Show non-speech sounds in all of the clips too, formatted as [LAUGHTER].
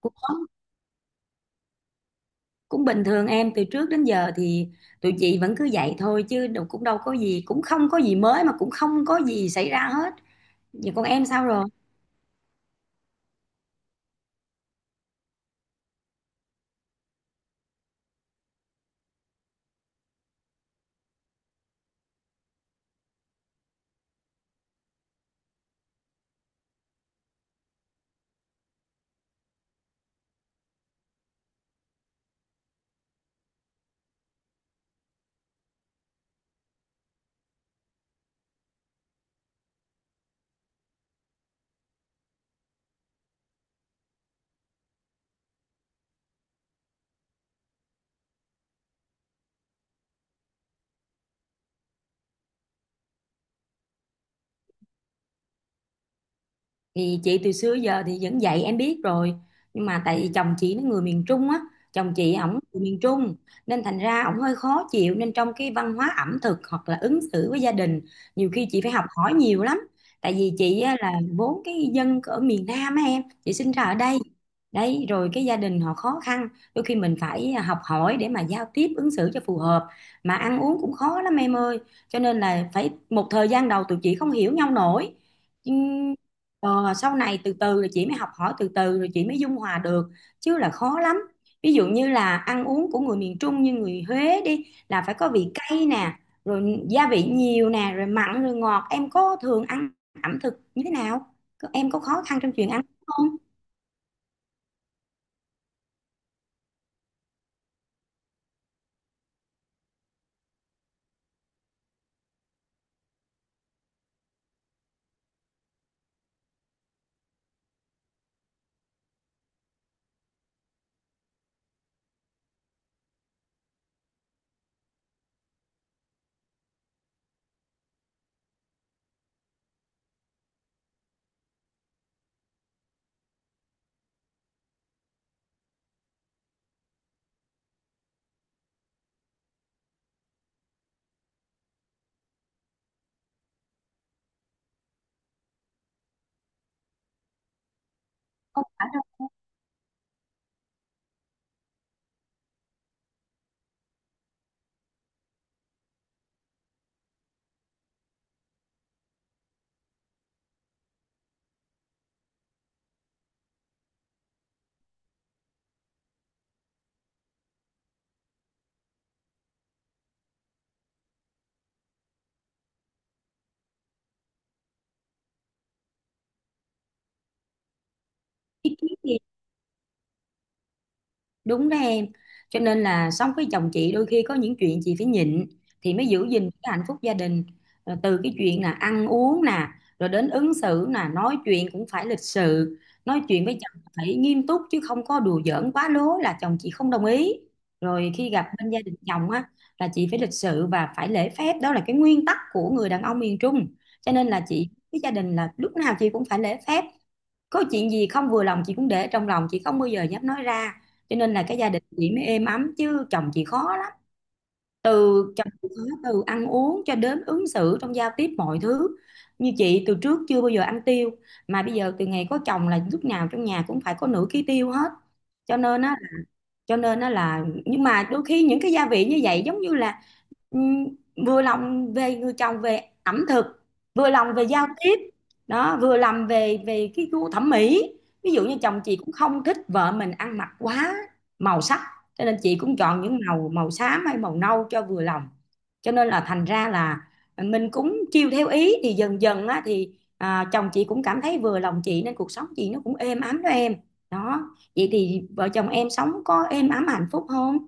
Cũng cũng bình thường em, từ trước đến giờ thì tụi chị vẫn cứ vậy thôi, chứ đâu, cũng đâu có gì, cũng không có gì mới, mà cũng không có gì xảy ra hết. Vậy còn em sao? Thì chị từ xưa giờ thì vẫn dạy em biết rồi, nhưng mà tại vì chồng chị nó người miền Trung á, chồng chị ổng người miền Trung, nên thành ra ổng hơi khó chịu, nên trong cái văn hóa ẩm thực hoặc là ứng xử với gia đình, nhiều khi chị phải học hỏi nhiều lắm. Tại vì chị á, là vốn cái dân ở miền Nam á em, chị sinh ra ở đây đấy, rồi cái gia đình họ khó khăn, đôi khi mình phải học hỏi để mà giao tiếp ứng xử cho phù hợp, mà ăn uống cũng khó lắm em ơi. Cho nên là phải một thời gian đầu tụi chị không hiểu nhau nổi. Ờ, sau này từ từ rồi chị mới học hỏi, từ từ rồi chị mới dung hòa được, chứ là khó lắm. Ví dụ như là ăn uống của người miền Trung như người Huế đi là phải có vị cay nè, rồi gia vị nhiều nè, rồi mặn rồi ngọt. Em có thường ăn ẩm thực như thế nào? Em có khó khăn trong chuyện ăn không? Đúng đó em. Cho nên là sống với chồng chị đôi khi có những chuyện chị phải nhịn thì mới giữ gìn cái hạnh phúc gia đình. Rồi từ cái chuyện là ăn uống nè, rồi đến ứng xử nè, nói chuyện cũng phải lịch sự. Nói chuyện với chồng phải nghiêm túc, chứ không có đùa giỡn quá lố là chồng chị không đồng ý. Rồi khi gặp bên gia đình chồng á, là chị phải lịch sự và phải lễ phép, đó là cái nguyên tắc của người đàn ông miền Trung. Cho nên là chị với gia đình là lúc nào chị cũng phải lễ phép. Có chuyện gì không vừa lòng chị cũng để trong lòng, chị không bao giờ dám nói ra, cho nên là cái gia đình chị mới êm ấm, chứ chồng chị khó lắm. Từ chồng chị khó từ ăn uống cho đến ứng xử trong giao tiếp mọi thứ. Như chị từ trước chưa bao giờ ăn tiêu, mà bây giờ từ ngày có chồng là lúc nào trong nhà cũng phải có nửa ký tiêu hết. Cho nên á, cho nên nó là, nhưng mà đôi khi những cái gia vị như vậy giống như là ừm, vừa lòng về người chồng về ẩm thực, vừa lòng về giao tiếp, đó, vừa lòng về về cái gu thẩm mỹ. Ví dụ như chồng chị cũng không thích vợ mình ăn mặc quá màu sắc, cho nên chị cũng chọn những màu, màu xám hay màu nâu cho vừa lòng. Cho nên là thành ra là mình cũng chiêu theo ý thì dần dần á, thì à, chồng chị cũng cảm thấy vừa lòng chị, nên cuộc sống chị nó cũng êm ấm đó em. Đó. Vậy thì vợ chồng em sống có êm ấm hạnh phúc không?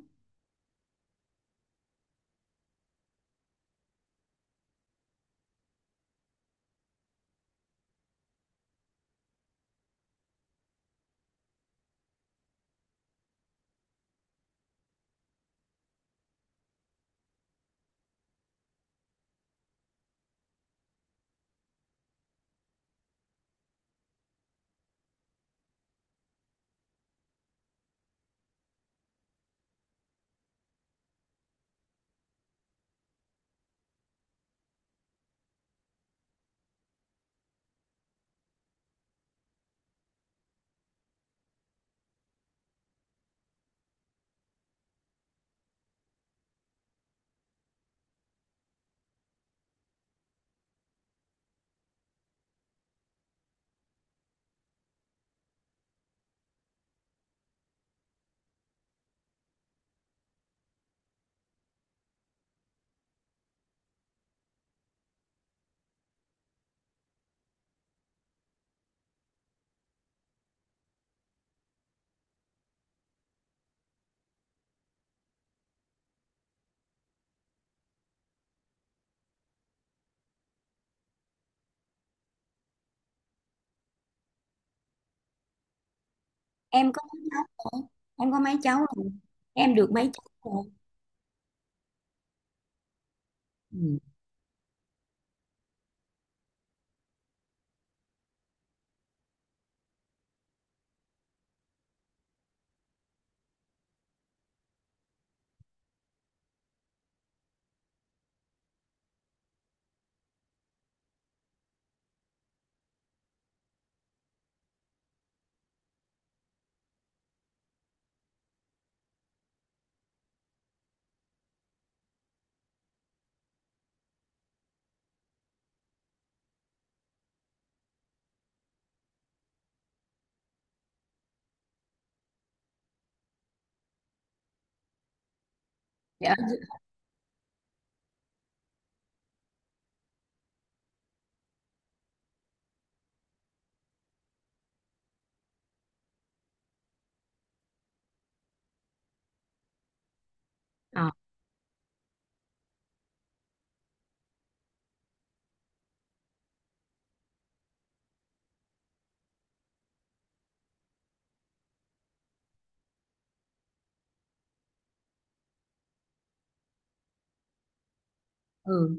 Em có mấy cháu rồi? Em có mấy cháu rồi? Em được mấy cháu rồi? Ừ. Dạ. Ờ, ừ.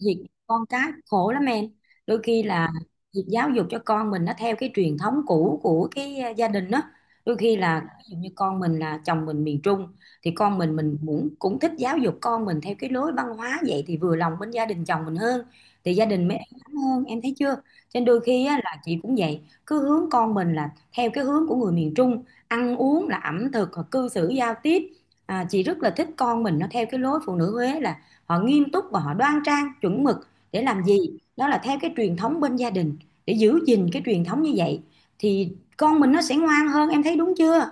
Việc con cái khổ lắm em, đôi khi là việc giáo dục cho con mình nó theo cái truyền thống cũ của cái gia đình đó. Đôi khi là ví dụ như con mình, là chồng mình miền Trung, thì con mình cũng cũng thích giáo dục con mình theo cái lối văn hóa vậy, thì vừa lòng bên gia đình chồng mình hơn, thì gia đình mới êm ấm hơn em thấy chưa. Cho nên đôi khi á, là chị cũng vậy, cứ hướng con mình là theo cái hướng của người miền Trung, ăn uống là ẩm thực, cư xử giao tiếp. À, chị rất là thích con mình nó theo cái lối phụ nữ Huế, là họ nghiêm túc và họ đoan trang chuẩn mực để làm gì, đó là theo cái truyền thống bên gia đình. Để giữ gìn cái truyền thống như vậy thì con mình nó sẽ ngoan hơn, em thấy đúng chưa.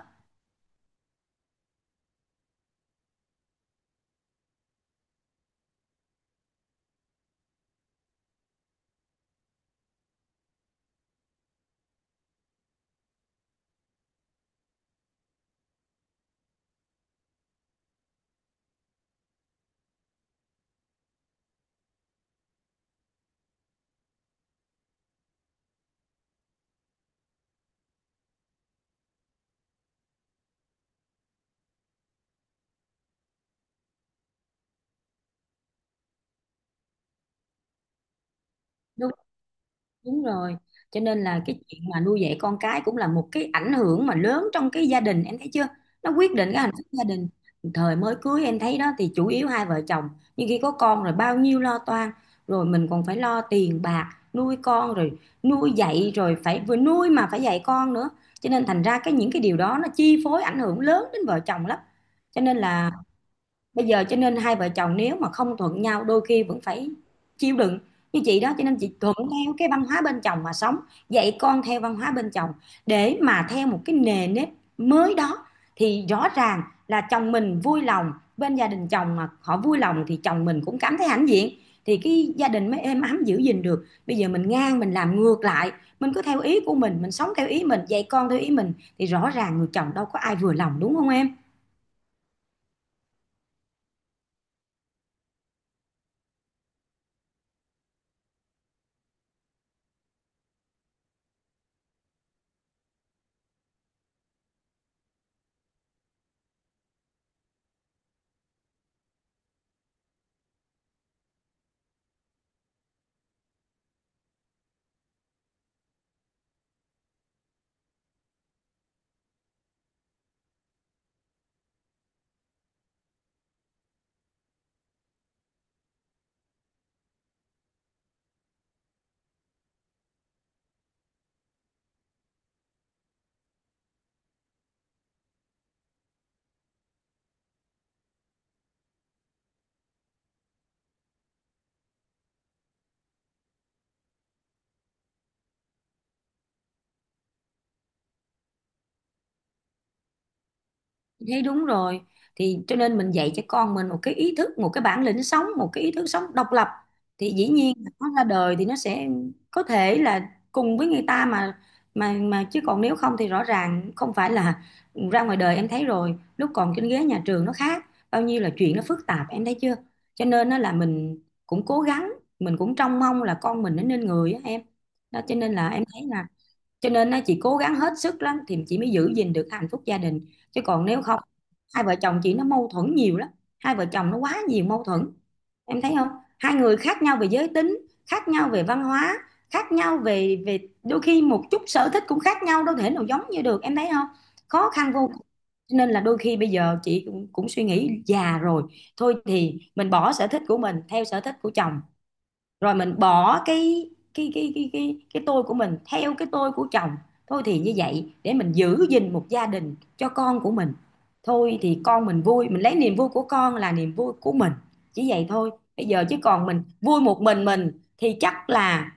Đúng rồi. Cho nên là cái chuyện mà nuôi dạy con cái cũng là một cái ảnh hưởng mà lớn trong cái gia đình, em thấy chưa? Nó quyết định cái hạnh phúc gia đình. Thời mới cưới em thấy đó thì chủ yếu hai vợ chồng, nhưng khi có con rồi bao nhiêu lo toan, rồi mình còn phải lo tiền bạc, nuôi con, rồi nuôi dạy, rồi phải vừa nuôi mà phải dạy con nữa. Cho nên thành ra cái những cái điều đó nó chi phối ảnh hưởng lớn đến vợ chồng lắm. Cho nên là bây giờ, cho nên hai vợ chồng nếu mà không thuận nhau đôi khi vẫn phải chịu đựng như chị đó. Cho nên chị thuận theo cái văn hóa bên chồng mà sống, dạy con theo văn hóa bên chồng để mà theo một cái nề nếp mới đó, thì rõ ràng là chồng mình vui lòng, bên gia đình chồng mà họ vui lòng thì chồng mình cũng cảm thấy hãnh diện, thì cái gia đình mới êm ấm giữ gìn được. Bây giờ mình ngang, mình làm ngược lại, mình cứ theo ý của mình sống theo ý mình, dạy con theo ý mình, thì rõ ràng người chồng đâu có ai vừa lòng, đúng không em. Thế đúng rồi. Thì cho nên mình dạy cho con mình một cái ý thức, một cái bản lĩnh sống, một cái ý thức sống độc lập, thì dĩ nhiên là nó ra đời thì nó sẽ có thể là cùng với người ta mà, mà chứ còn nếu không thì rõ ràng không phải là [LAUGHS] ra ngoài đời em thấy, rồi lúc còn trên ghế nhà trường nó khác, bao nhiêu là chuyện nó phức tạp em thấy chưa. Cho nên nó là mình cũng cố gắng, mình cũng trông mong là con mình nó nên người á em. Đó, cho nên là em thấy là, cho nên á, chị cố gắng hết sức lắm thì chị mới giữ gìn được hạnh phúc gia đình, chứ còn nếu không, hai vợ chồng chị nó mâu thuẫn nhiều lắm. Hai vợ chồng nó quá nhiều mâu thuẫn, em thấy không. Hai người khác nhau về giới tính, khác nhau về văn hóa, khác nhau về về đôi khi một chút sở thích cũng khác nhau, đâu thể nào giống như được em thấy không. Khó khăn vô cùng. Cho nên là đôi khi bây giờ chị cũng, cũng suy nghĩ già rồi, thôi thì mình bỏ sở thích của mình theo sở thích của chồng, rồi mình bỏ cái tôi của mình theo cái tôi của chồng. Thôi thì như vậy để mình giữ gìn một gia đình cho con của mình. Thôi thì con mình vui, mình lấy niềm vui của con là niềm vui của mình, chỉ vậy thôi. Bây giờ chứ còn mình vui một mình thì chắc là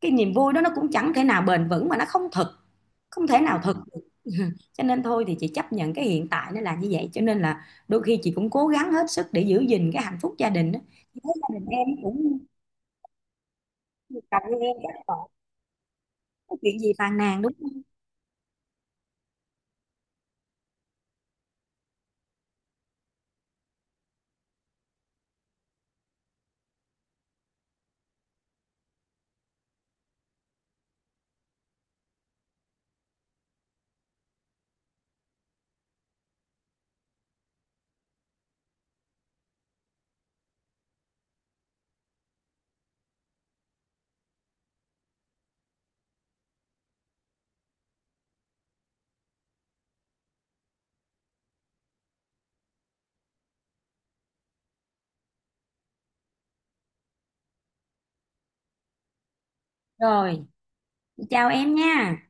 cái niềm vui đó nó cũng chẳng thể nào bền vững, mà nó không thực, không thể nào thực được. [LAUGHS] Cho nên thôi thì chị chấp nhận cái hiện tại nó là như vậy, cho nên là đôi khi chị cũng cố gắng hết sức để giữ gìn cái hạnh phúc gia đình đó. Gia đình em cũng, cầm như em chắc có chuyện gì phàn nàn đúng không. Rồi, chào em nha.